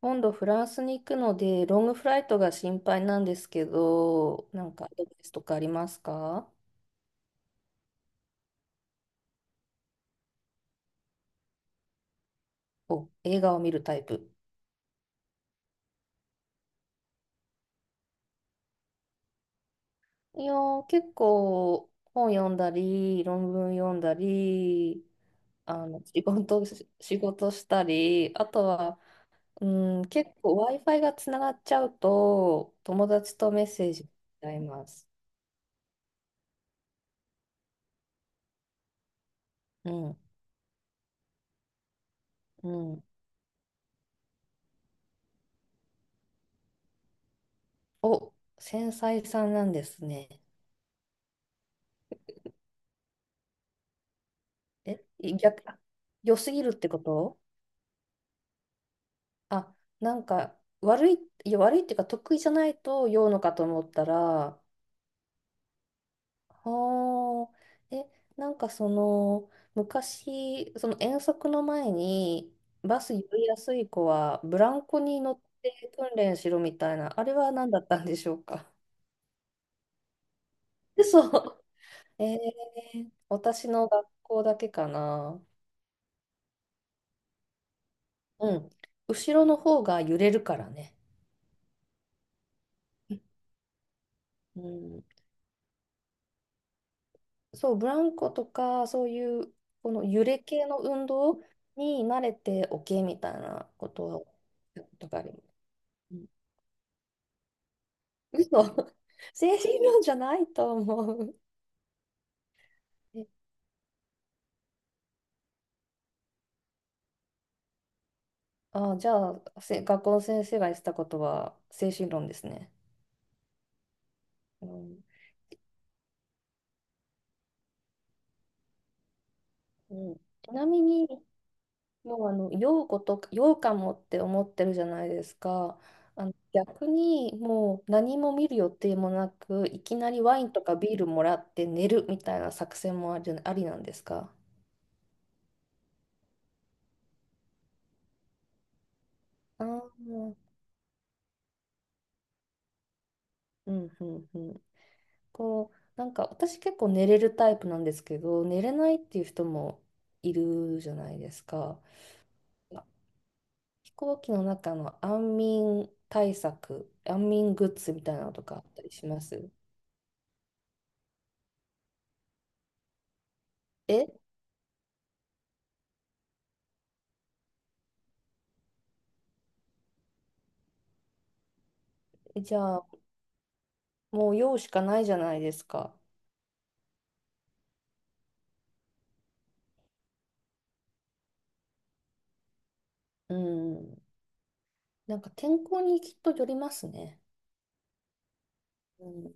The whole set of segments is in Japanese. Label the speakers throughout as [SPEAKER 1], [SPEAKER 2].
[SPEAKER 1] 今度フランスに行くので、ロングフライトが心配なんですけど、なんかアドバイスとかありますか？お、映画を見るタイプ。いやー、結構本読んだり、論文読んだり、仕事したり、あとは、うん、結構 Wi-Fi がつながっちゃうと、友達とメッセージしちゃいます。うん、うん。お、繊細さんなんですね。え、逆、良すぎるってこと？あ、なんか悪い、いや悪いっていうか得意じゃないと酔うのかと思ったら、あ、え、なんかその昔、その遠足の前にバス酔いやすい子はブランコに乗って訓練しろみたいな、あれは何だったんでしょうか。嘘。えー、私の学校だけかな。うん。後ろの方が揺れるからね。うん、そう、ブランコとか、そういう、この揺れ系の運動に慣れておけみたいなことをやったことがあります。うん。嘘。 精神論じゃないと思う。え。あ、じゃあ、学校の先生が言ってたことは精神論ですね。うん、うん。ちなみに、要はあの、酔うとか、かもって思ってるじゃないですか。逆にもう何も見る予定もなく、いきなりワインとかビールもらって寝るみたいな作戦もありなんですか？ああー、うんうんうん。こう、なんか私結構寝れるタイプなんですけど、寝れないっていう人もいるじゃないですか。飛行機の中の安眠対策、安眠グッズみたいなのとかあったりします？え。じゃあ、もう用しかないじゃないですか。うん。なんか天候にきっとよりますね。うん。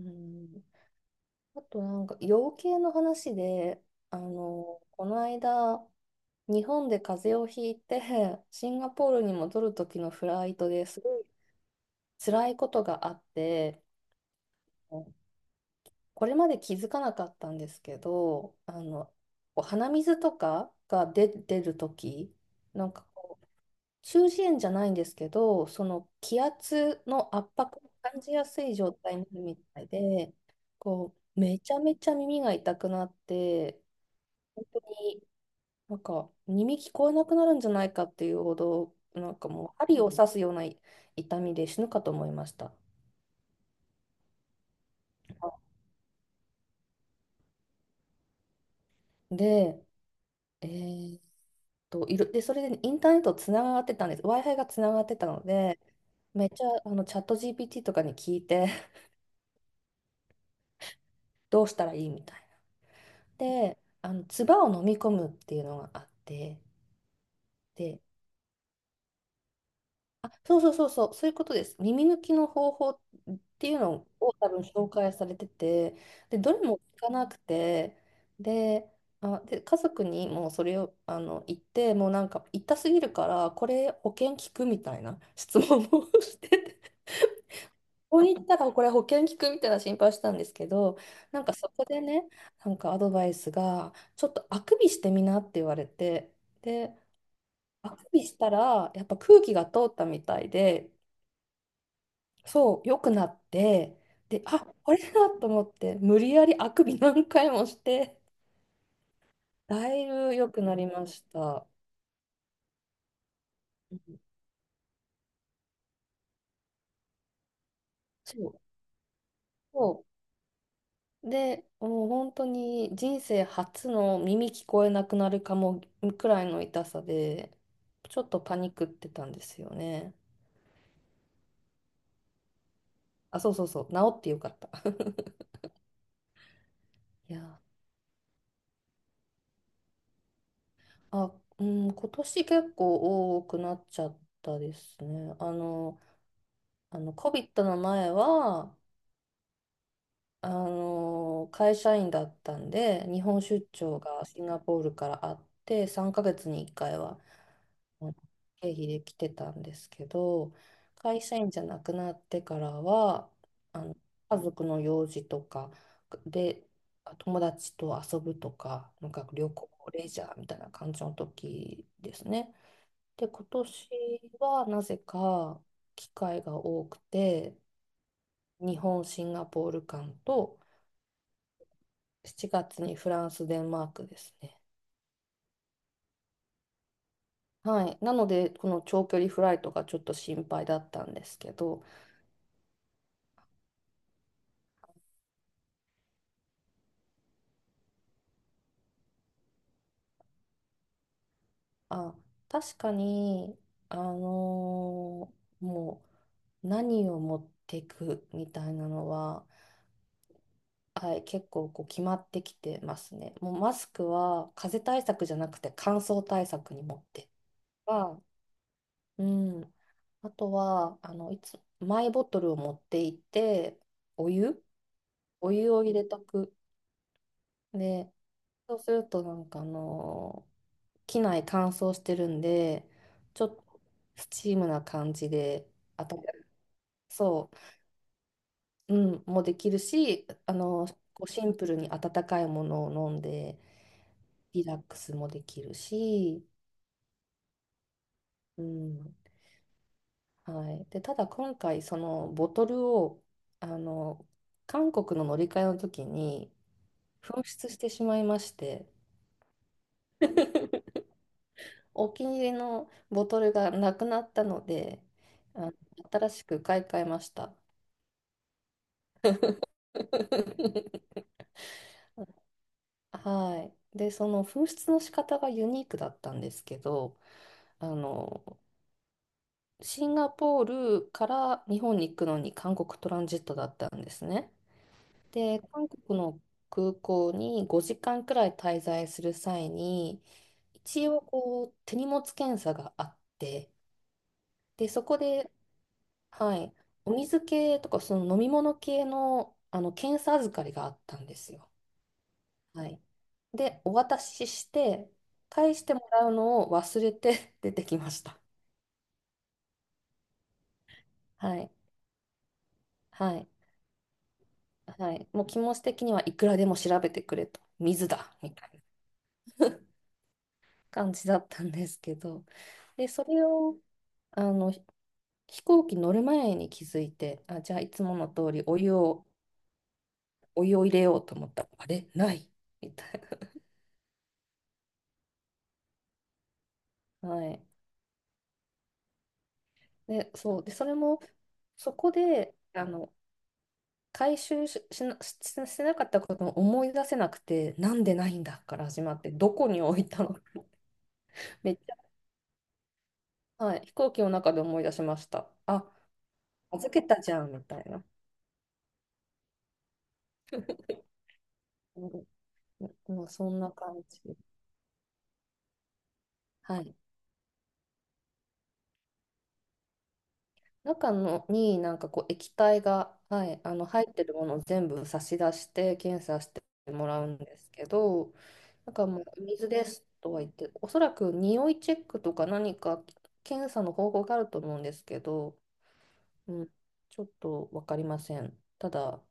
[SPEAKER 1] うん、あとなんか養鶏の話で、この間、日本で風邪をひいて、シンガポールに戻る時のフライトですごい辛いことがあって、これまで気づかなかったんですけど、こう鼻水とかが出る時なんか中耳炎じゃないんですけど、その気圧の圧迫を感じやすい状態になるみたいで、こう、めちゃめちゃ耳が痛くなって、本当になんか耳聞こえなくなるんじゃないかっていうほど、なんかもう針を刺すような痛みで死ぬかと思いました。で、えーっと、いろ、で、それでインターネットつながってたんです。Wi-Fi がつながってたので、めっちゃチャット GPT とかに聞いて、どうしたらいいみたいな。で、唾を飲み込むっていうのがあって、で、あ、そうそうそうそう、そういうことです。耳抜きの方法っていうのを多分紹介されてて、で、どれも聞かなくて、で、あ、で、家族にもうそれを言って、もうなんか痛すぎるから、これ保険聞くみたいな 質問を してて、ここに行ったらこれ保険聞くみたいな心配したんですけど、なんかそこでね、なんかアドバイスが、ちょっとあくびしてみなって言われて、で、あくびしたら、やっぱ空気が通ったみたいで、そう、良くなって、で、あ、これだと思って、無理やりあくび何回もして、だいぶ良くなりました。うん、そう、そう。で、もう本当に人生初の耳聞こえなくなるかもくらいの痛さで、ちょっとパニックってたんですよね。あ、そうそうそう、治ってよかった。いや、あ、うん、今年結構多くなっちゃったですね。COVID の前は、会社員だったんで、日本出張がシンガポールからあって、3ヶ月に1回は、あの経費で来てたんですけど、会社員じゃなくなってからは、あの、家族の用事とかで、友達と遊ぶとか、なんか旅行、レジャーみたいな感じの時ですね。で、今年はなぜか機会が多くて、日本、シンガポール間と、7月にフランス、デンマークですね。はい。なので、この長距離フライトがちょっと心配だったんですけど、あ、確かに、あのもう何を持っていくみたいなのは、はい、結構こう決まってきてますね。もうマスクは風邪対策じゃなくて乾燥対策に持っていくか。うん。あとは、マイボトルを持っていて、お湯お湯を入れとく。で、そうするとなんか機内乾燥してるんで、ちょっとスチームな感じで、あた、そう、うん、もできるし、こうシンプルに温かいものを飲んで、リラックスもできるし、うん、はい。で、ただ今回、そのボトルを、あのー韓国の乗り換えの時に紛失してしまいまして、お気に入りのボトルがなくなったので、あの、新しく買い替えました。はい。で、その紛失の仕方がユニークだったんですけど、あの、シンガポールから日本に行くのに韓国トランジットだったんですね。で、韓国の空港に5時間くらい滞在する際に、一応こう手荷物検査があって、で、そこで、はい。お水系とか、その飲み物系の、検査預かりがあったんですよ。はい。で、お渡しして、返してもらうのを忘れて 出てきました。はい。はい。はい。もう気持ち的にはいくらでも調べてくれと。水だ。みたいな感じだったんですけど。で、それを、あの、ひ飛行機乗る前に気づいて、あ、じゃあいつもの通りお湯を、入れようと思ったら、あれないみたいな。はい。で、そう。で、それも、そこで、回収してなかったことを思い出せなくて、なんでないんだから始まって、どこに置いたの めっちゃ、はい、飛行機の中で思い出しました。あ、預けたじゃん、みたいな。うん、もうそんな感じ。はい。中のになんかこう液体が、はい、入ってるものを全部差し出して検査してもらうんですけど、なんかもう水ですとは言って、おそらく匂いチェックとか何か検査の方法があると思うんですけど、うん、ちょっと分かりません。ただ、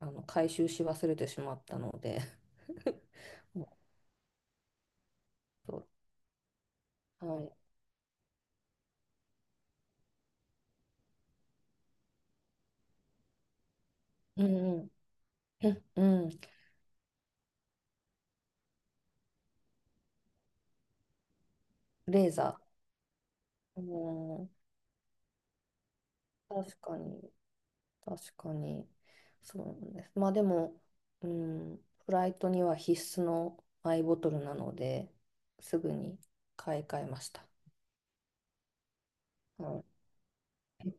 [SPEAKER 1] 回収し忘れてしまったので もう、そう、はい。うんうん。うん、うん。レーザー。うん、確かに。確かに。そうなんです。まあでも、うん、フライトには必須のアイボトルなので、すぐに買い替えました。はい。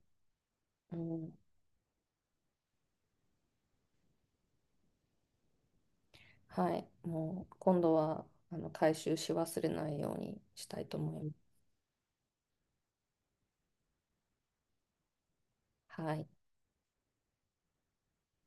[SPEAKER 1] うん、はい。もう今度は回収し忘れないようにしたいと思います。はい。